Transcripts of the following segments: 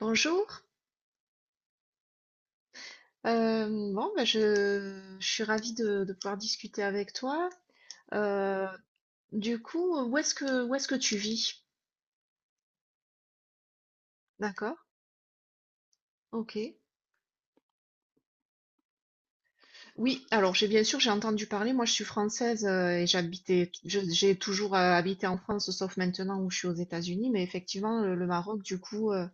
Bonjour. Euh, bon, ben, je suis ravie de pouvoir discuter avec toi. Euh, du coup, où est-ce que tu vis? D'accord, ok. Oui, alors j'ai entendu parler, moi je suis française, et j'ai toujours habité en France, sauf maintenant où je suis aux États-Unis, mais effectivement, le Maroc, du coup,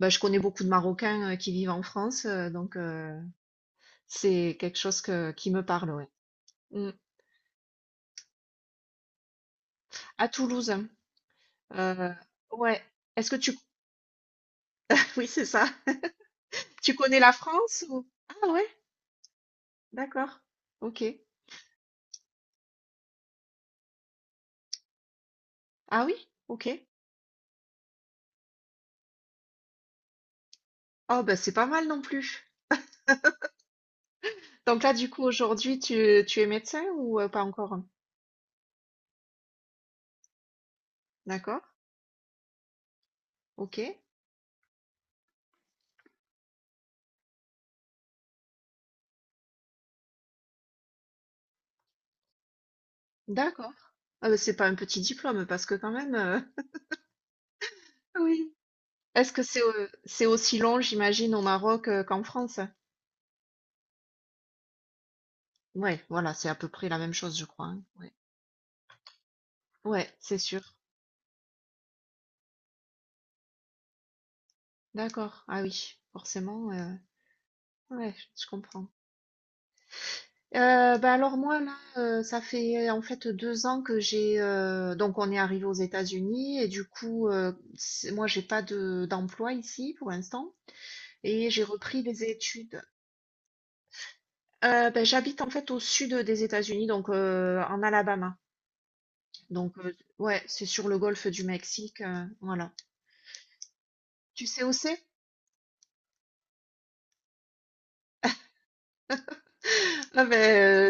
ben, je connais beaucoup de Marocains, qui vivent en France, c'est quelque chose qui me parle, ouais. Mm. À Toulouse, euh, ouais. Est-ce que tu... Oui, c'est ça. Tu connais la France ou? Ah ouais, d'accord. OK. Ah oui? OK. Oh bah c'est pas mal non plus. Donc là du coup aujourd'hui tu es médecin ou pas encore? D'accord. OK. D'accord. Ah bah c'est pas un petit diplôme parce que quand même, oui. Est-ce que c'est aussi long, j'imagine, au Maroc qu'en France? Ouais, voilà, c'est à peu près la même chose, je crois, hein. Ouais, ouais, c'est sûr. D'accord. Ah oui, forcément, ouais, je comprends. Bah alors moi là, ça fait en fait deux ans que j'ai donc on est arrivé aux États-Unis et du coup, moi j'ai pas de d'emploi ici pour l'instant et j'ai repris des études. Ben, j'habite en fait au sud des États-Unis, donc en Alabama, donc ouais, c'est sur le golfe du Mexique, voilà. Tu sais où c'est? Ah ben,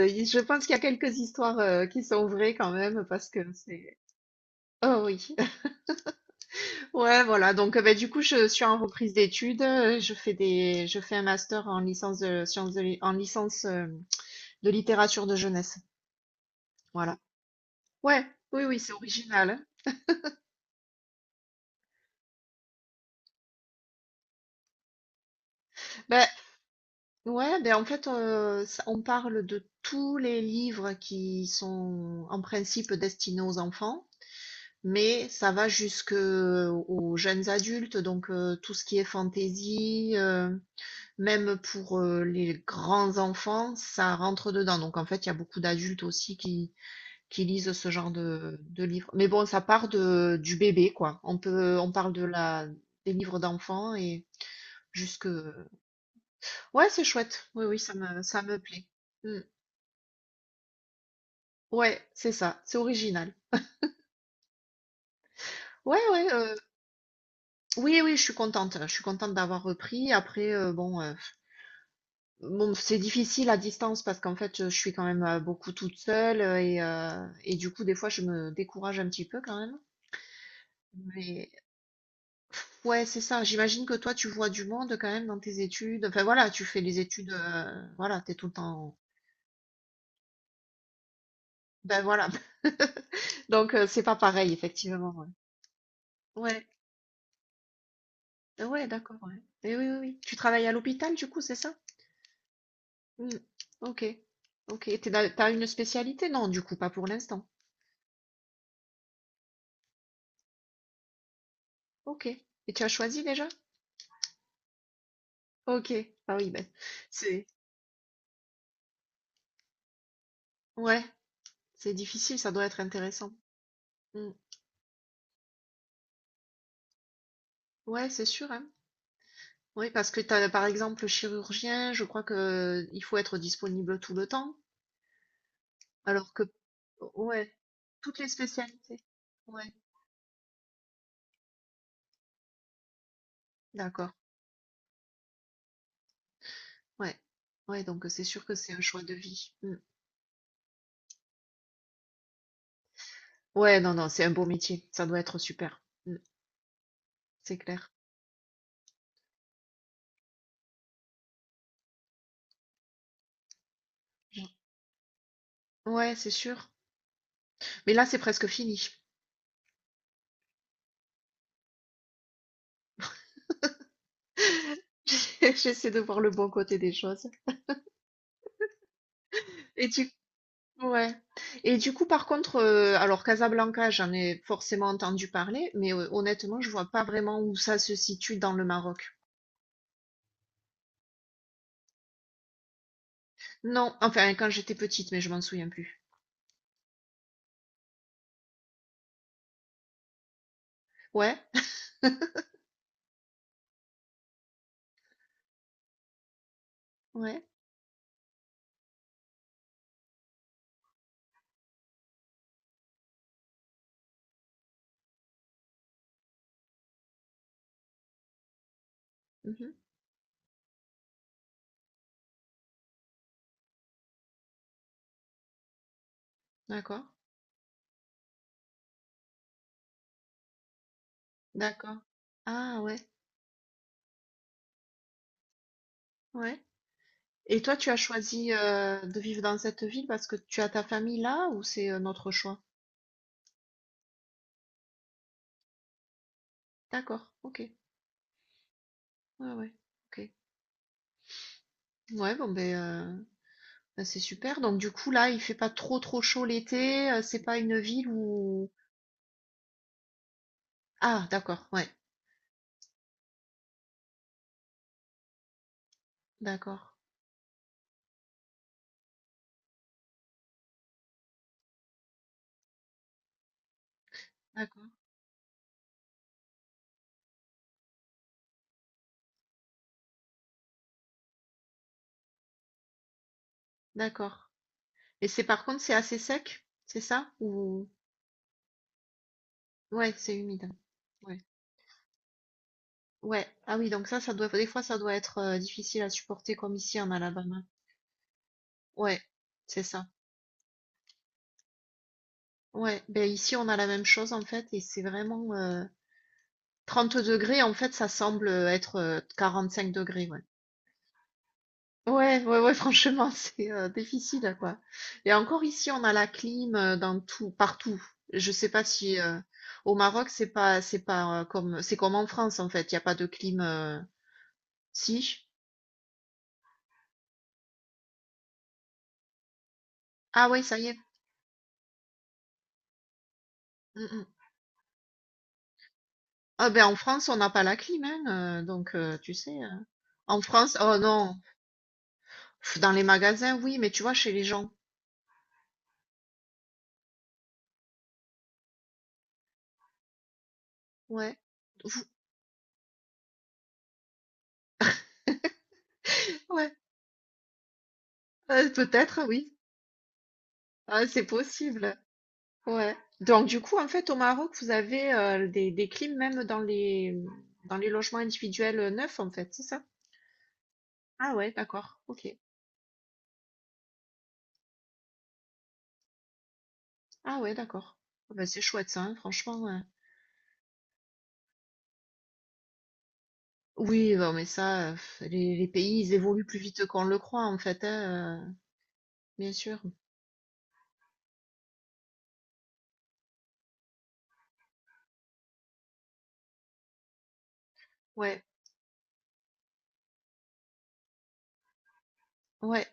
je pense qu'il y a quelques histoires qui sont vraies quand même parce que c'est oh oui. Ouais, voilà. Donc, bah, du coup, je suis en reprise d'études. Je fais je fais un master en licence de sciences en licence de littérature de jeunesse. Voilà. Ouais. Oui, oui, c'est original, hein. Ben, ouais, ben en fait, on parle de tous les livres qui sont en principe destinés aux enfants, mais ça va jusque aux jeunes adultes, donc tout ce qui est fantaisie. Même pour, les grands enfants, ça rentre dedans. Donc en fait, il y a beaucoup d'adultes aussi qui lisent ce genre de livres. Mais bon, ça part de du bébé, quoi. On parle de la des livres d'enfants et jusque ouais, c'est chouette. Oui, oui, ça me plaît. Mmh. Ouais, c'est ça, c'est original. Ouais, ouais, oui, oui, je suis contente d'avoir repris. Après, bon, c'est difficile à distance parce qu'en fait, je suis quand même beaucoup toute seule, et du coup, des fois, je me décourage un petit peu quand même. Mais ouais, c'est ça. J'imagine que toi, tu vois du monde quand même dans tes études. Enfin voilà, tu fais les études, voilà, t'es tout le temps. Ben voilà. Donc c'est pas pareil, effectivement. Ouais, ouais, ah ouais, d'accord. Ouais. Et oui, oui, oui. Tu travailles à l'hôpital, du coup, c'est ça? Mm. Ok, ok. T'as une spécialité? Non, du coup, pas pour l'instant. Ok. Et tu as choisi déjà? OK. Ah oui, ben, c'est ouais, c'est difficile, ça doit être intéressant. Mm. Ouais, c'est sûr, hein. Oui, parce que t'as, par exemple, le chirurgien, je crois que il faut être disponible tout le temps, alors que, ouais, toutes les spécialités. Ouais, d'accord. Ouais. Ouais, donc c'est sûr que c'est un choix de vie. Mm. Ouais, non, non, c'est un beau métier, ça doit être super. Mm. C'est clair. Mm. Ouais, c'est sûr. Mais là, c'est presque fini. J'essaie de voir le bon côté des choses. Et tu Ouais. Et du coup, par contre, alors Casablanca, j'en ai forcément entendu parler, mais honnêtement, je vois pas vraiment où ça se situe dans le Maroc. Non, enfin quand j'étais petite, mais je m'en souviens plus. Ouais, ouais. Mmh. D'accord, d'accord. Ah ouais, ouais. Et toi, tu as choisi, de vivre dans cette ville parce que tu as ta famille là ou c'est un autre choix? D'accord, OK. Ouais, ouais. OK. Ouais, bon ben, heu, bah, c'est super. Donc du coup, là, il fait pas trop chaud l'été, c'est pas une ville où ah d'accord, ouais, d'accord, d'accord, d'accord. Et c'est par contre c'est assez sec, c'est ça? Ou ouais, c'est humide. Ouais. Ouais. Ah oui, donc ça doit des fois ça doit être difficile à supporter comme ici en Alabama. Ouais, c'est ça. Ouais. Ben ici on a la même chose en fait et c'est vraiment, 30 degrés en fait ça semble être 5 degrés, ouais. Ouais, ouais, ouais, franchement, c'est difficile, quoi. Et encore ici, on a la clim, dans tout, partout. Je sais pas si au Maroc, c'est pas c'est comme en France, en fait. Il y a pas de clim, si? Ah ouais, ça y est. Mm, mm. Ah ben en France, on n'a pas la clim, hein, tu sais. En France, oh non, pff, dans les magasins, oui, mais tu vois, chez les gens, ouais, vous- ouais, peut-être, oui. Ah, c'est possible. Ouais. Donc du coup, en fait, au Maroc, vous avez, des clims même dans les logements individuels, neufs, en fait, c'est ça? Ah ouais, d'accord. Ok. Ah ouais, d'accord. Ah bah, c'est chouette ça, hein, franchement, ouais. Oui, non, mais ça, pff, les pays, ils évoluent plus vite qu'on le croit, en fait, hein, bien sûr. Ouais, ouais,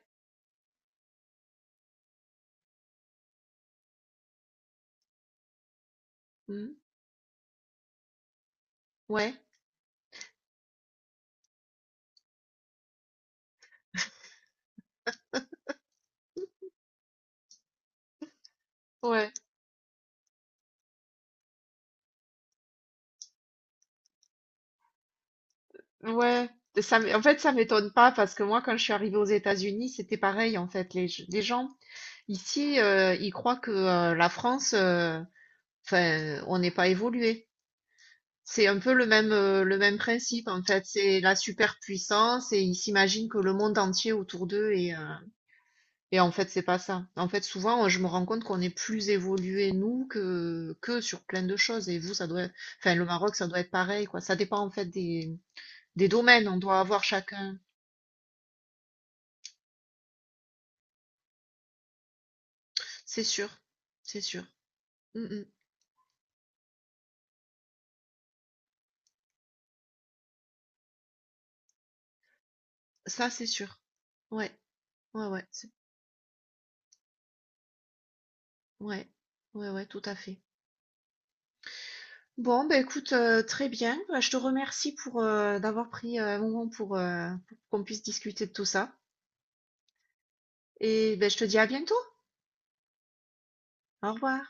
mhm, ouais, ouais, ouais. En fait, ça m'étonne pas parce que moi, quand je suis arrivée aux États-Unis, c'était pareil, en fait. Les gens ici, ils croient que la France, enfin, on n'est pas évolué. C'est un peu le même principe en fait. C'est la superpuissance et ils s'imaginent que le monde entier autour d'eux est, et en fait c'est pas ça. En fait souvent, je me rends compte qu'on est plus évolué nous que sur plein de choses. Et vous ça doit, enfin le Maroc ça doit être pareil quoi. Ça dépend en fait des domaines. On doit avoir chacun. C'est sûr, c'est sûr. Mm, mm. Ça c'est sûr. Ouais, ouais, ouais, ouais, ouais, ouais, tout à fait. Bon, bah écoute, très bien. Bah, je te remercie pour, d'avoir pris, un moment pour qu'on puisse discuter de tout ça et beh, je te dis à bientôt. Au revoir.